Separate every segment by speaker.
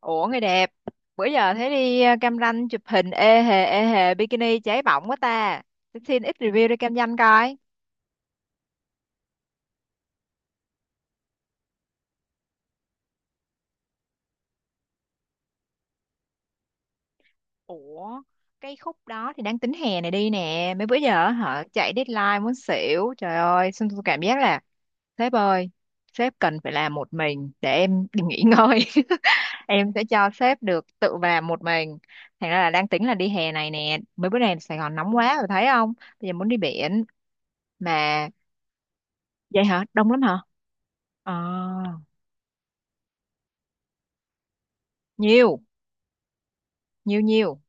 Speaker 1: Ủa người đẹp, bữa giờ thấy đi Cam Ranh chụp hình ê hề bikini cháy bỏng quá ta. Xin xin ít review đi Cam Ranh coi. Ủa, cái khúc đó thì đang tính hè này đi nè, mấy bữa giờ hả chạy deadline muốn xỉu. Trời ơi, xong tôi cảm giác là sếp ơi, sếp cần phải làm một mình để em đi nghỉ ngơi. Em sẽ cho sếp được tự làm một mình. Thành ra là đang tính là đi hè này nè, mấy bữa nay Sài Gòn nóng quá rồi thấy không? Bây giờ muốn đi biển mà vậy hả, đông lắm hả. À, nhiều, nhiều nhiều.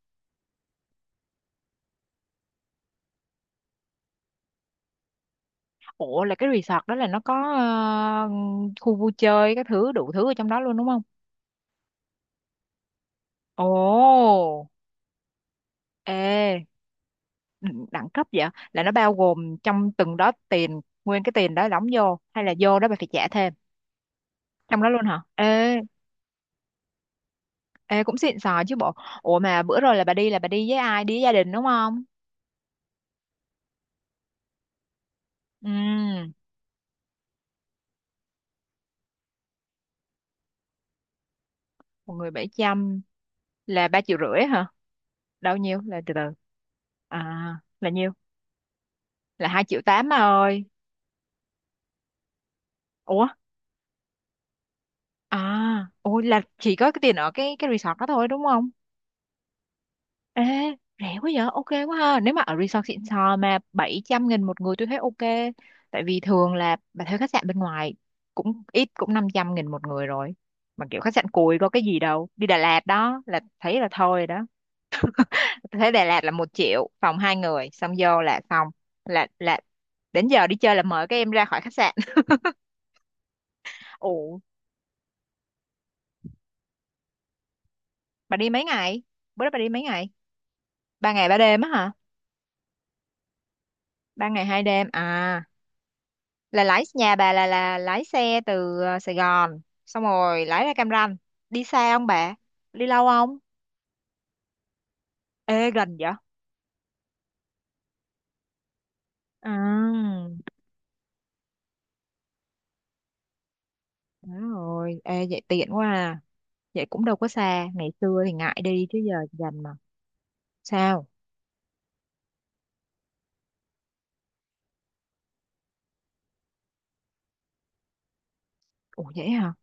Speaker 1: Ủa là cái resort đó là nó có khu vui chơi các thứ đủ thứ ở trong đó luôn đúng không? Ồ, ê, đẳng đẳng cấp vậy. Là nó bao gồm trong từng đó tiền, nguyên cái tiền đó đóng vô hay là vô đó bà phải trả thêm? Trong đó luôn hả? Ê, ê cũng xịn sò chứ bộ. Ủa mà bữa rồi là bà đi, là bà đi với ai? Đi với gia đình đúng không? Ừ, một người bảy trăm là 3 triệu rưỡi hả? Đâu nhiêu? Là từ từ. À, là nhiêu? Là 2 triệu 8 bà ơi. Ủa, à, ôi là chỉ có cái tiền ở cái resort đó thôi đúng không? Ê, rẻ quá vậy, ok quá ha. Nếu mà ở resort xịn sò mà 700 nghìn một người tôi thấy ok. Tại vì thường là bà thuê khách sạn bên ngoài cũng ít cũng 500 nghìn một người rồi. Mà kiểu khách sạn cùi có cái gì đâu, đi Đà Lạt đó là thấy là thôi rồi đó. Tôi thấy Đà Lạt là một triệu phòng hai người xong vô là xong, là đến giờ đi chơi là mời các em ra khỏi khách sạn. Ủa, bà đi mấy ngày? Bữa đó bà đi mấy ngày? Ba ngày ba đêm á hả? Ba ngày hai đêm à? Là lái, nhà bà là lái xe từ Sài Gòn, xong rồi lái ra Cam Ranh? Đi xa không bà? Đi lâu không? Ê, gần vậy. À, đúng rồi, ê vậy tiện quá à. Vậy cũng đâu có xa, ngày xưa thì ngại đi chứ giờ dành mà. Sao? Ủa vậy hả,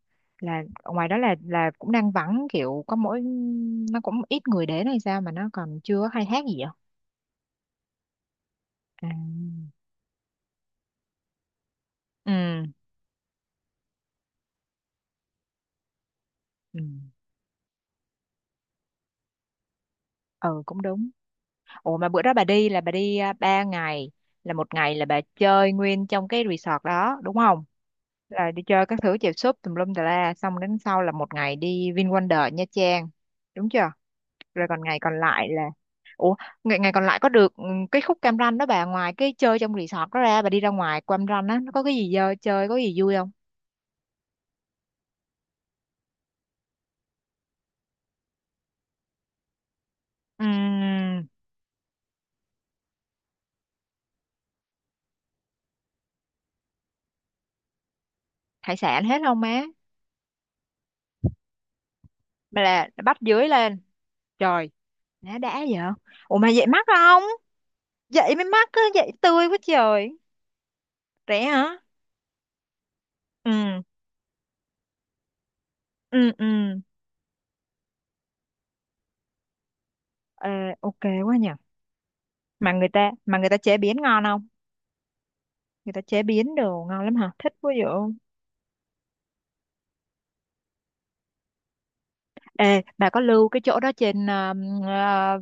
Speaker 1: là ngoài đó là cũng đang vắng kiểu có mỗi, nó cũng ít người đến hay sao mà nó còn chưa có khai thác gì vậy? À, ừ, ừ, ừ, cũng đúng. Ủa mà bữa đó bà đi là bà đi à, ba ngày, là một ngày là bà chơi nguyên trong cái resort đó đúng không? Là đi chơi các thứ chèo súp tùm lum tà la, xong đến sau là một ngày đi VinWonder Nha Trang, đúng chưa? Rồi còn ngày còn lại là. Ủa, ngày còn lại có được, cái khúc Cam Ranh đó bà ngoài cái chơi trong resort đó ra bà đi ra ngoài Cam Ranh á nó có cái gì dơ chơi có gì vui không? Ừm, hải sản hết không má? Bà là bắt dưới lên. Trời, má đã vậy. Ủa mà vậy mắc không? Vậy mới mắc á, vậy tươi quá trời. Rẻ hả? Ừ, ừ, ừ. Ờ, ok quá nhỉ. Mà người ta chế biến ngon không? Người ta chế biến đồ ngon lắm hả, thích quá vậy. Ê, bà có lưu cái chỗ đó trên ờ,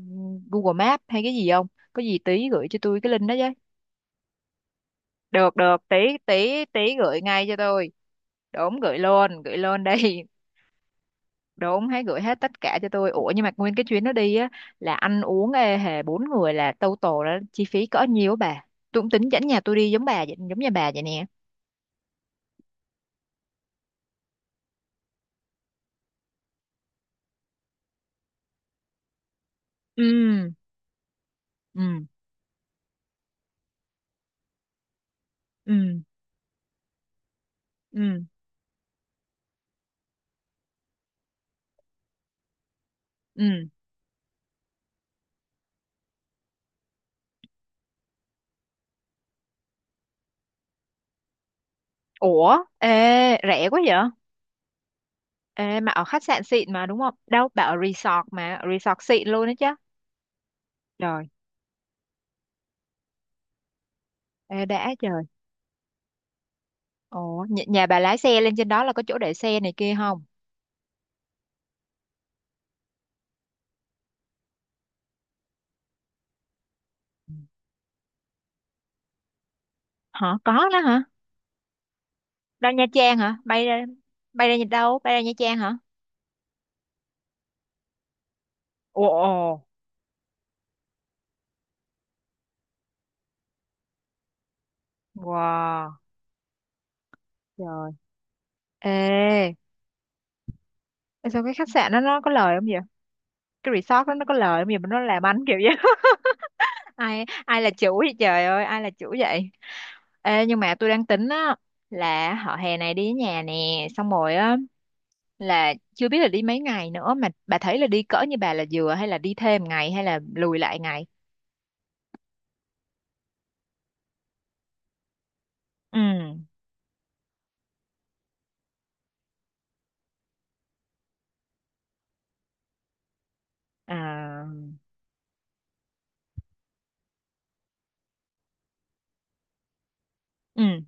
Speaker 1: Google Maps hay cái gì không? Có gì tí gửi cho tôi cái link đó với. Được được tí, tí gửi ngay cho tôi. Đúng, gửi luôn đây. Đúng, hãy gửi hết tất cả cho tôi. Ủa nhưng mà nguyên cái chuyến đó đi á là ăn uống ê hề bốn người là total là chi phí cỡ nhiêu á bà? Tôi cũng tính dẫn nhà tôi đi giống bà vậy, giống nhà bà vậy nè. Ừ, ừ, ừ, ừ, ừ. Ủa, ê, rẻ quá vậy. Ê, mà ở khách sạn xịn mà đúng không, đâu bà ở resort mà, ở resort xịn luôn đó chứ. Trời, ê đã trời. Ủa, nhà bà lái xe lên trên đó là có chỗ để xe này kia không? Ừ. Hả, có đó hả? Đâu, Nha Trang hả, bay ra? Bay ra nhà, đâu, bay ra Nha Trang hả? Ồ, ồ, wow, trời. Ê, ê, sao cái khách sạn đó nó có lời không vậy? Cái resort đó nó có lời không vậy mà nó làm ăn kiểu vậy? Ai ai là chủ vậy trời ơi, ai là chủ vậy? Ê, nhưng mà tôi đang tính á là họ hè này đi với nhà nè, xong rồi á là chưa biết là đi mấy ngày nữa mà bà thấy là đi cỡ như bà là vừa hay là đi thêm ngày hay là lùi lại ngày? Ừ. À, ừ.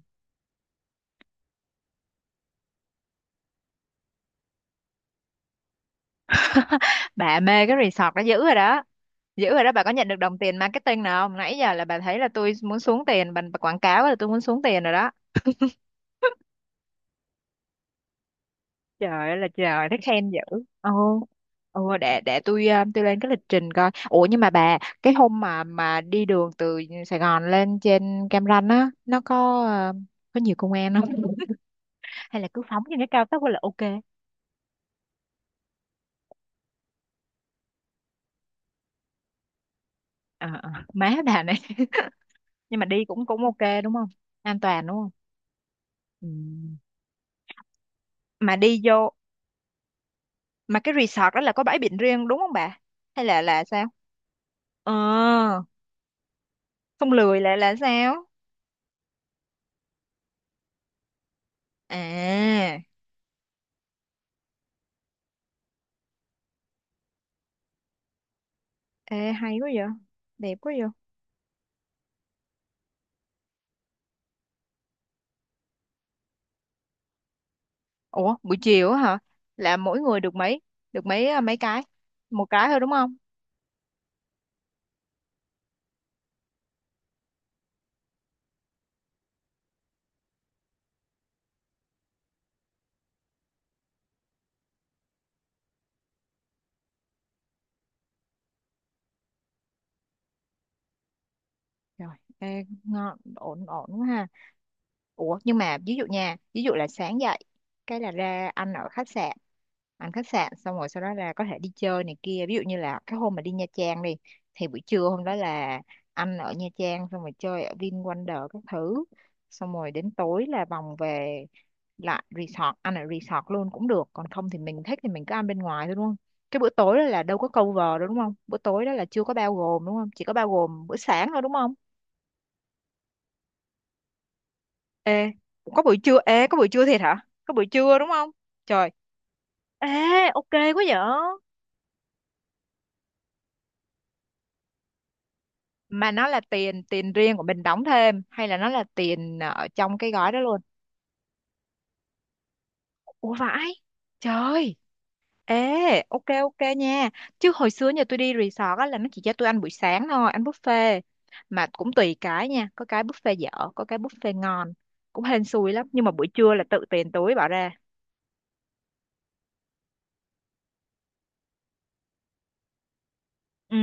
Speaker 1: Bà mê cái resort đó dữ rồi đó. Dữ rồi đó, bà có nhận được đồng tiền marketing nào không, nãy giờ là bà thấy là tôi muốn xuống tiền bà quảng cáo là tôi muốn xuống tiền rồi đó. Trời ơi là trời, thấy khen dữ. Ồ, ồ, để tôi tôi lên cái lịch trình coi. Ủa nhưng mà bà, cái hôm mà đi đường từ Sài Gòn lên trên Cam Ranh á nó có có nhiều công an không? Hay là cứ phóng trên cái cao tốc là ok? Ờ, ờ, má bà này. Nhưng mà đi cũng cũng ok đúng không, an toàn đúng không? Ừ. Mà đi vô. Mà cái resort đó là có bãi biển riêng đúng không bà? Hay là sao? Ờ, không lười lại là sao? À, ê, hay quá vậy. Đẹp quá vậy. Ủa, buổi chiều á hả? Là mỗi người được mấy? Được mấy à, mấy cái? Một cái thôi đúng không? Rồi, ê, ngon, ổn ổn quá ha. Ủa nhưng mà ví dụ nha, ví dụ là sáng dậy, cái là ra ăn ở khách sạn. Ăn khách sạn xong rồi sau đó là có thể đi chơi này kia. Ví dụ như là cái hôm mà đi Nha Trang đi, thì buổi trưa hôm đó là ăn ở Nha Trang, xong rồi chơi ở VinWonder các thứ, xong rồi đến tối là vòng về lại resort, ăn ở resort luôn cũng được. Còn không thì mình thích thì mình cứ ăn bên ngoài thôi đúng không? Cái bữa tối đó là đâu có cover đâu đúng không? Bữa tối đó là chưa có bao gồm đúng không? Chỉ có bao gồm bữa sáng thôi đúng không? Ê, có buổi trưa, ê, có buổi trưa thiệt hả? Có buổi trưa đúng không? Trời, ê, ok quá vậy. Mà nó là tiền riêng của mình đóng thêm, hay là nó là tiền ở trong cái gói đó luôn? Ủa vãi, trời, ê, ok ok nha. Chứ hồi xưa nhà tôi đi resort á là nó chỉ cho tôi ăn buổi sáng thôi, ăn buffet. Mà cũng tùy cái nha, có cái buffet dở, có cái buffet ngon. Cũng hên xui lắm, nhưng mà buổi trưa là tự tiền túi bỏ ra. Ừ.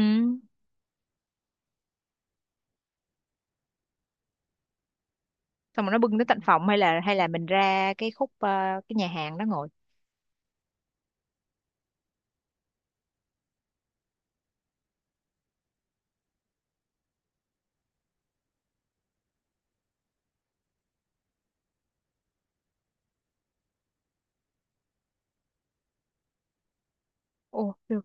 Speaker 1: Xong rồi nó bưng tới tận phòng hay là mình ra cái khúc cái nhà hàng đó ngồi. Ồ, được.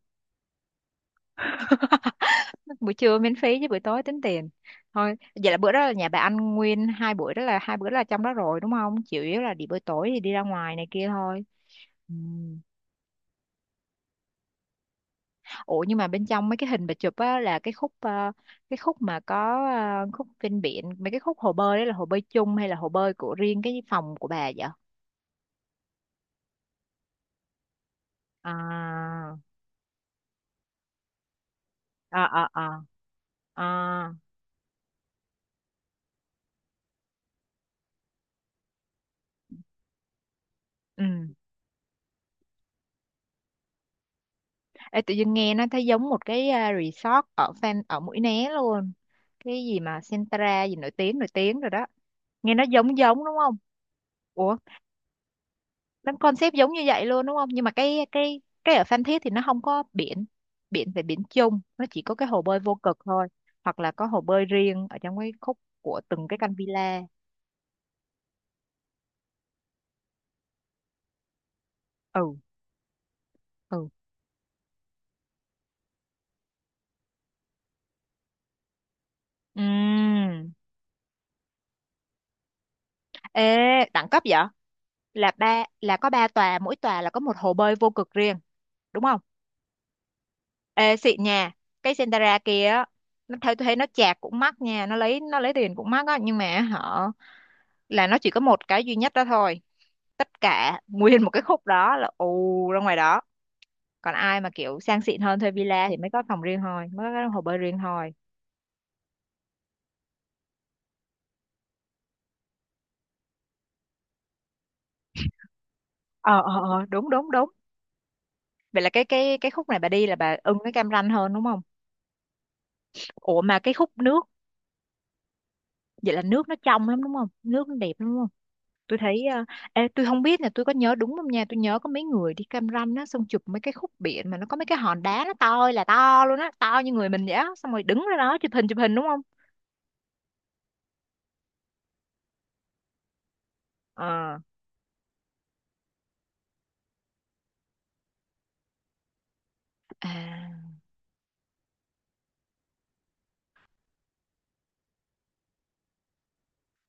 Speaker 1: Buổi trưa miễn phí chứ buổi tối tính tiền thôi. Vậy là bữa đó là nhà bà ăn nguyên hai buổi đó là hai bữa là trong đó rồi đúng không, chủ yếu là đi buổi tối thì đi ra ngoài này kia thôi. Ừ. Ủa nhưng mà bên trong mấy cái hình bà chụp á là cái khúc cái khúc mà có khúc ven biển, mấy cái khúc hồ bơi đấy là hồ bơi chung hay là hồ bơi của riêng cái phòng của bà vậy? À, à, à, à, à, ừ. Ê, tự dưng nghe nó thấy giống một cái resort ở fan ở Mũi Né luôn, cái gì mà Centra gì nổi tiếng rồi đó. Nghe nó giống giống đúng không? Ủa, nó concept giống như vậy luôn đúng không, nhưng mà cái cái ở Phan Thiết thì nó không có biển. Biển về biển chung nó chỉ có cái hồ bơi vô cực thôi, hoặc là có hồ bơi riêng ở trong cái khúc của từng cái căn villa. Ừ, ừ. Ừm. Ê, đẳng cấp vậy, là ba là có ba tòa, mỗi tòa là có một hồ bơi vô cực riêng đúng không? Ê, xịn nha, cái Sentara kia á, nó thấy tôi thấy nó chạc cũng mắc nha, nó lấy tiền cũng mắc á, nhưng mà họ là nó chỉ có một cái duy nhất đó thôi, tất cả nguyên một cái khúc đó là ù ra ngoài đó. Còn ai mà kiểu sang xịn hơn thuê villa thì mới có phòng riêng thôi, mới có cái hồ bơi riêng thôi. Ờ, ờ, ờ, đúng đúng đúng. Vậy là cái khúc này bà đi là bà ưng cái Cam Ranh hơn đúng không? Ủa mà cái khúc nước, vậy là nước nó trong lắm đúng không, nước nó đẹp lắm đúng không? Tôi thấy ê, tôi không biết là tôi có nhớ đúng không nha, tôi nhớ có mấy người đi Cam Ranh á xong chụp mấy cái khúc biển mà nó có mấy cái hòn đá nó to ơi là to luôn á, to như người mình vậy á, xong rồi đứng ra đó chụp hình đúng không? Ờ, à,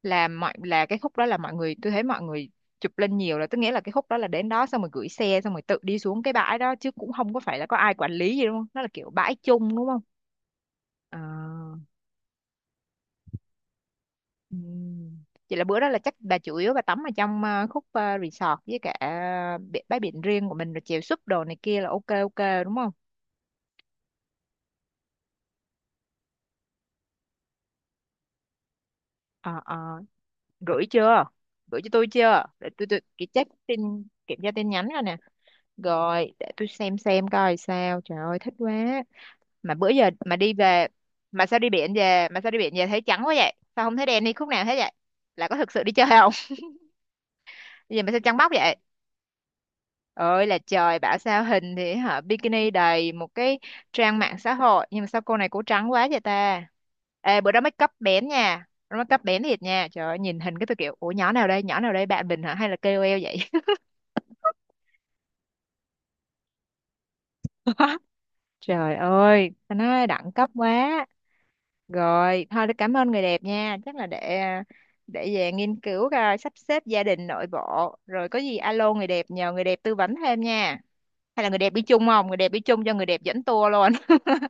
Speaker 1: là cái khúc đó là mọi người tôi thấy mọi người chụp lên nhiều là tức nghĩa là cái khúc đó là đến đó xong rồi gửi xe xong rồi tự đi xuống cái bãi đó chứ cũng không có phải là có ai quản lý gì đúng không, nó là kiểu bãi chung đúng không? Ờ. Ừ. Vậy là bữa đó là chắc bà chủ yếu bà tắm ở trong khúc resort với cả bãi biển riêng của mình rồi chèo súp đồ này kia là ok ok đúng không? Ờ ờ, gửi chưa? Gửi cho tôi chưa? Để tôi cái check tin, kiểm tra tin nhắn rồi nè. Rồi để tôi xem coi sao. Trời ơi thích quá. Mà bữa giờ mà đi về, mà sao đi biển về thấy trắng quá vậy? Sao không thấy đen đi khúc nào hết vậy? Là có thực sự đi chơi không? Bây giờ mà sao trắng bóc vậy? Ơi là trời, bảo sao hình thì hả bikini đầy một cái trang mạng xã hội nhưng mà sao cô này cổ trắng quá vậy ta. Ê, bữa đó make up bén nha, bữa đó make up bén thiệt nha, trời ơi nhìn hình cái tôi kiểu ủa nhỏ nào đây bạn mình hả hay là kêu KOL vậy. Trời ơi ta nói đẳng cấp quá. Rồi thôi tôi cảm ơn người đẹp nha, chắc là để để về nghiên cứu coi sắp xếp gia đình nội bộ, rồi có gì alo người đẹp nhờ người đẹp tư vấn thêm nha. Hay là người đẹp đi chung không, người đẹp đi chung cho người đẹp dẫn tour luôn.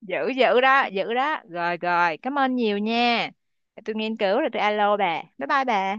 Speaker 1: Dữ dữ đó dữ đó, rồi rồi cảm ơn nhiều nha. Tôi nghiên cứu rồi tôi alo bà, bye bye bà.